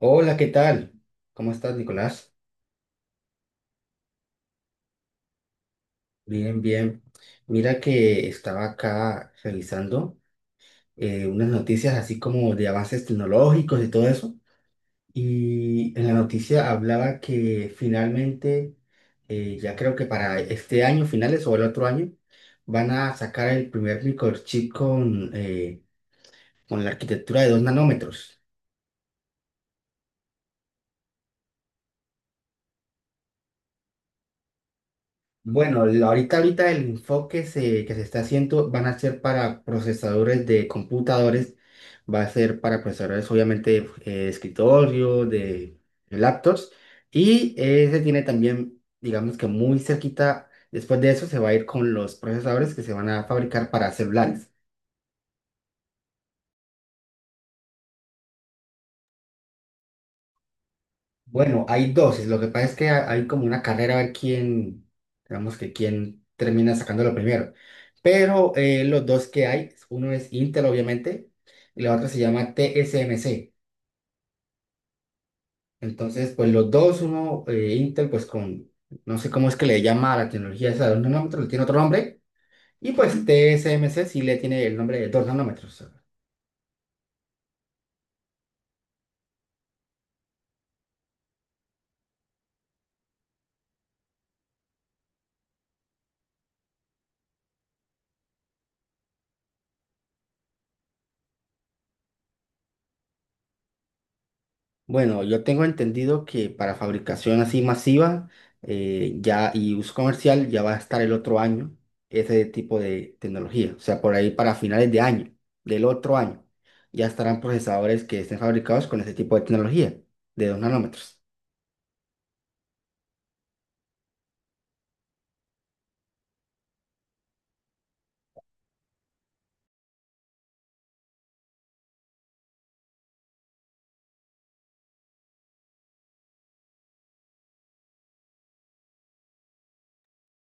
Hola, ¿qué tal? ¿Cómo estás, Nicolás? Bien, bien. Mira que estaba acá revisando unas noticias así como de avances tecnológicos y todo eso. Y en la noticia hablaba que finalmente, ya creo que para este año, finales o el otro año, van a sacar el primer microchip con, con la arquitectura de dos nanómetros. Bueno, ahorita el enfoque que se está haciendo van a ser para procesadores de computadores, va a ser para procesadores obviamente de escritorio, de laptops, y se tiene también, digamos que muy cerquita, después de eso se va a ir con los procesadores que se van a fabricar para celulares. Bueno, hay dos. Lo que pasa es que hay como una carrera a ver quién, digamos que quién termina sacándolo primero. Pero los dos que hay, uno es Intel, obviamente, y la otra se llama TSMC. Entonces, pues los dos, uno, Intel, pues con, no sé cómo es que le llama a la tecnología esa de dos nanómetros, le tiene otro nombre. Y pues TSMC sí le tiene el nombre de dos nanómetros. Bueno, yo tengo entendido que para fabricación así masiva ya y uso comercial ya va a estar el otro año ese tipo de tecnología. O sea, por ahí para finales de año, del otro año, ya estarán procesadores que estén fabricados con ese tipo de tecnología de 2 nanómetros.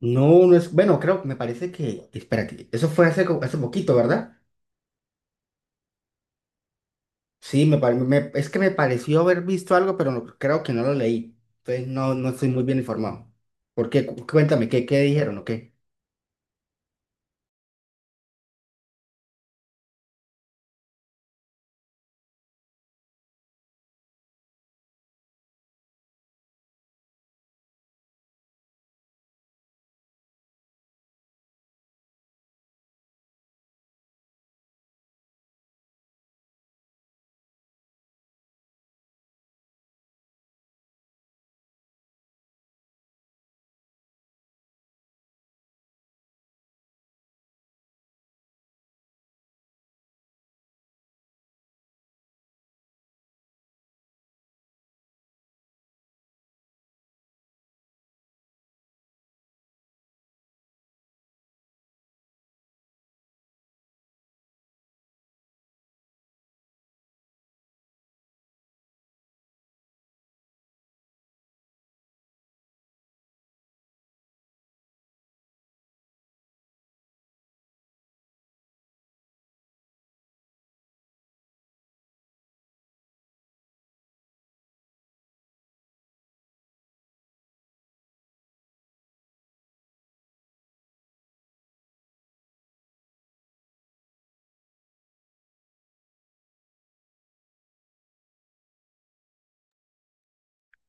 No, no es, bueno, creo, me parece que, espérate, eso fue hace, hace poquito, ¿verdad? Sí, es que me pareció haber visto algo, pero creo que no lo leí. Entonces no, no estoy muy bien informado. ¿Por qué? Cuéntame, ¿qué dijeron o qué?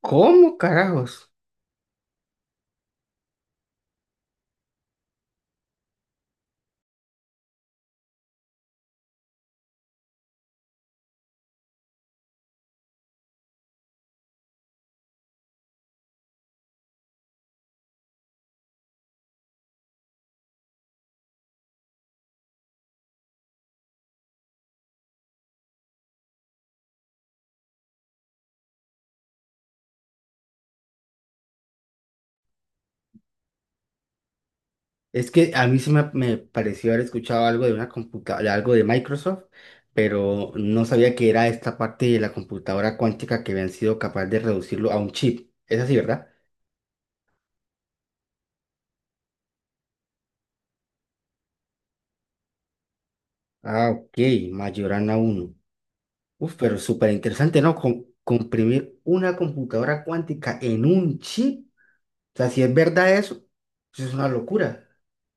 ¿Cómo carajos? Es que a mí sí me pareció haber escuchado algo de una computadora, algo de Microsoft, pero no sabía que era esta parte de la computadora cuántica que habían sido capaces de reducirlo a un chip. Es así, ¿verdad? Ah, ok, Majorana uno. Uf, pero súper interesante, ¿no? Comprimir una computadora cuántica en un chip. O sea, si es verdad eso, eso es una locura.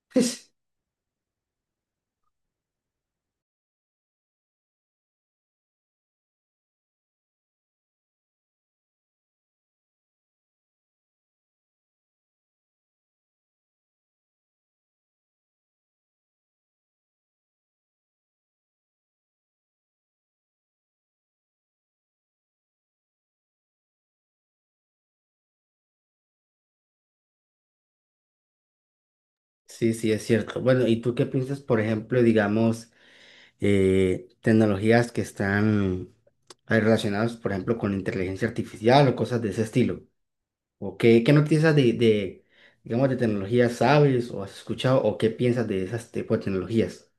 Sí, sí, es cierto. Bueno, ¿y tú qué piensas, por ejemplo, digamos? Tecnologías que están relacionadas, por ejemplo, con inteligencia artificial o cosas de ese estilo. ¿O qué, qué noticias de, digamos, de tecnologías sabes o has escuchado o qué piensas de esas tipos de tecnologías?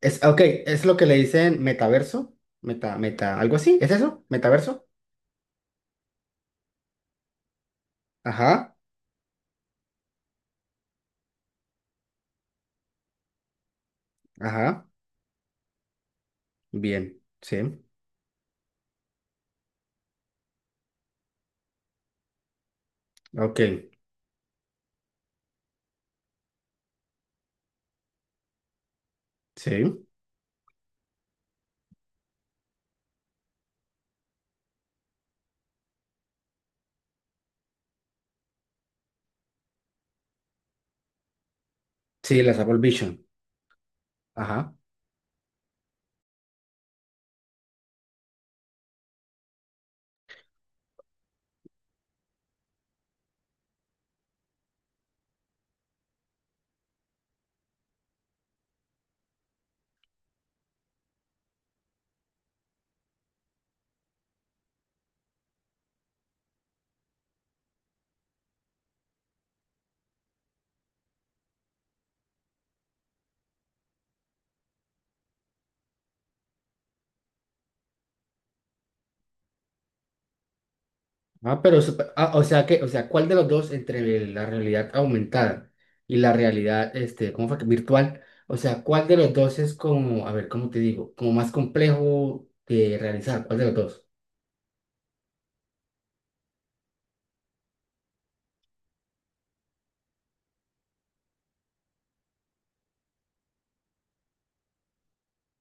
Es, ah, ok, es lo que le dicen metaverso, meta, meta, algo así, ¿es eso? ¿Metaverso? Ajá, ajá, bien, sí, ok, sí, sí, las Apple Vision, ajá. Ah, pero, ah, o sea que, o sea, ¿cuál de los dos entre la realidad aumentada y la realidad, este, ¿cómo fue que? Virtual, o sea, ¿cuál de los dos es como, a ver, ¿cómo te digo? Como más complejo de realizar, ¿cuál de los dos?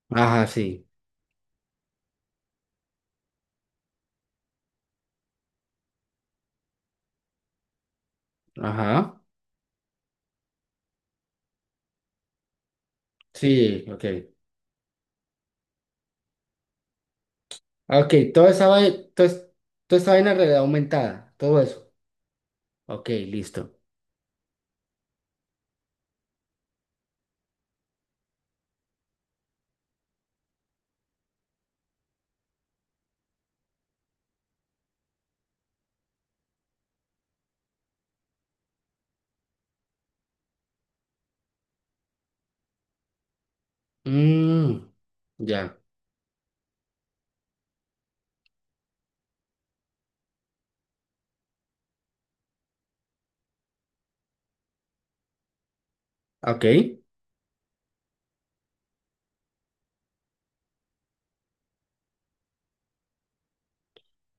Ajá, sí, ajá, sí, ok. Ah, ok, toda esa vaina, toda, toda esa vaina en realidad aumentada, todo eso. Ok, listo. Mm, ya, ok,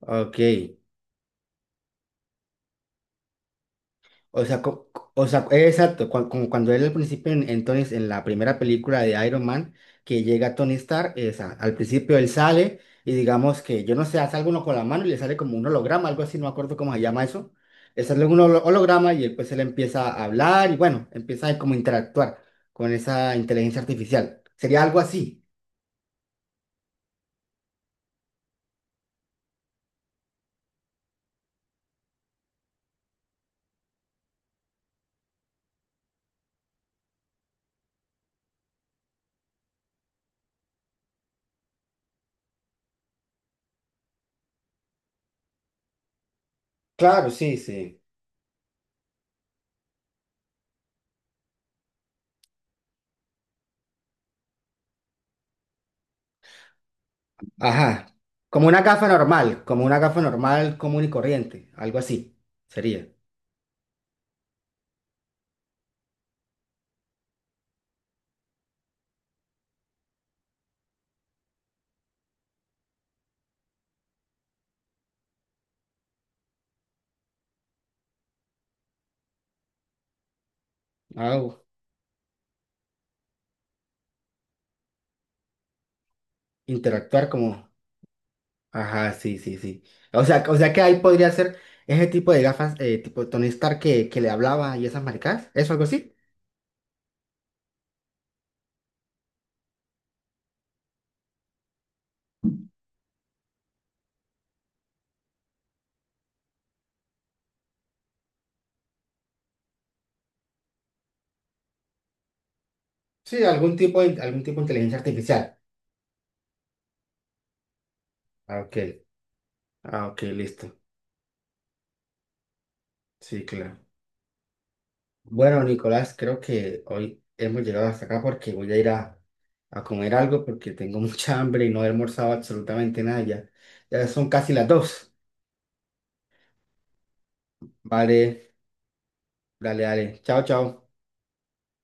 ok. O sea, o sea, exacto, como cuando él al principio en, en la primera película de Iron Man, que llega Tony Stark, o sea, al principio él sale y digamos que, yo no sé, hace alguno con la mano y le sale como un holograma, algo así, no me acuerdo cómo se llama eso. Le sale un holograma y él pues él empieza a hablar y bueno, empieza a como interactuar con esa inteligencia artificial. Sería algo así. Claro, sí, sí. Ajá. Como una gafa normal, como una gafa normal común y corriente, algo así sería. Ah, interactuar como... Ajá, sí, sí, sí. O sea que ahí podría ser ese tipo de gafas, tipo Tony Stark que le hablaba y esas maricadas. ¿Eso algo así? Sí, algún tipo de inteligencia artificial. Ah, ok. Ah, ok, listo. Sí, claro. Bueno, Nicolás, creo que hoy hemos llegado hasta acá porque voy a ir a comer algo porque tengo mucha hambre y no he almorzado absolutamente nada ya. Ya son casi las dos. Vale, dale, dale. Chao, chao.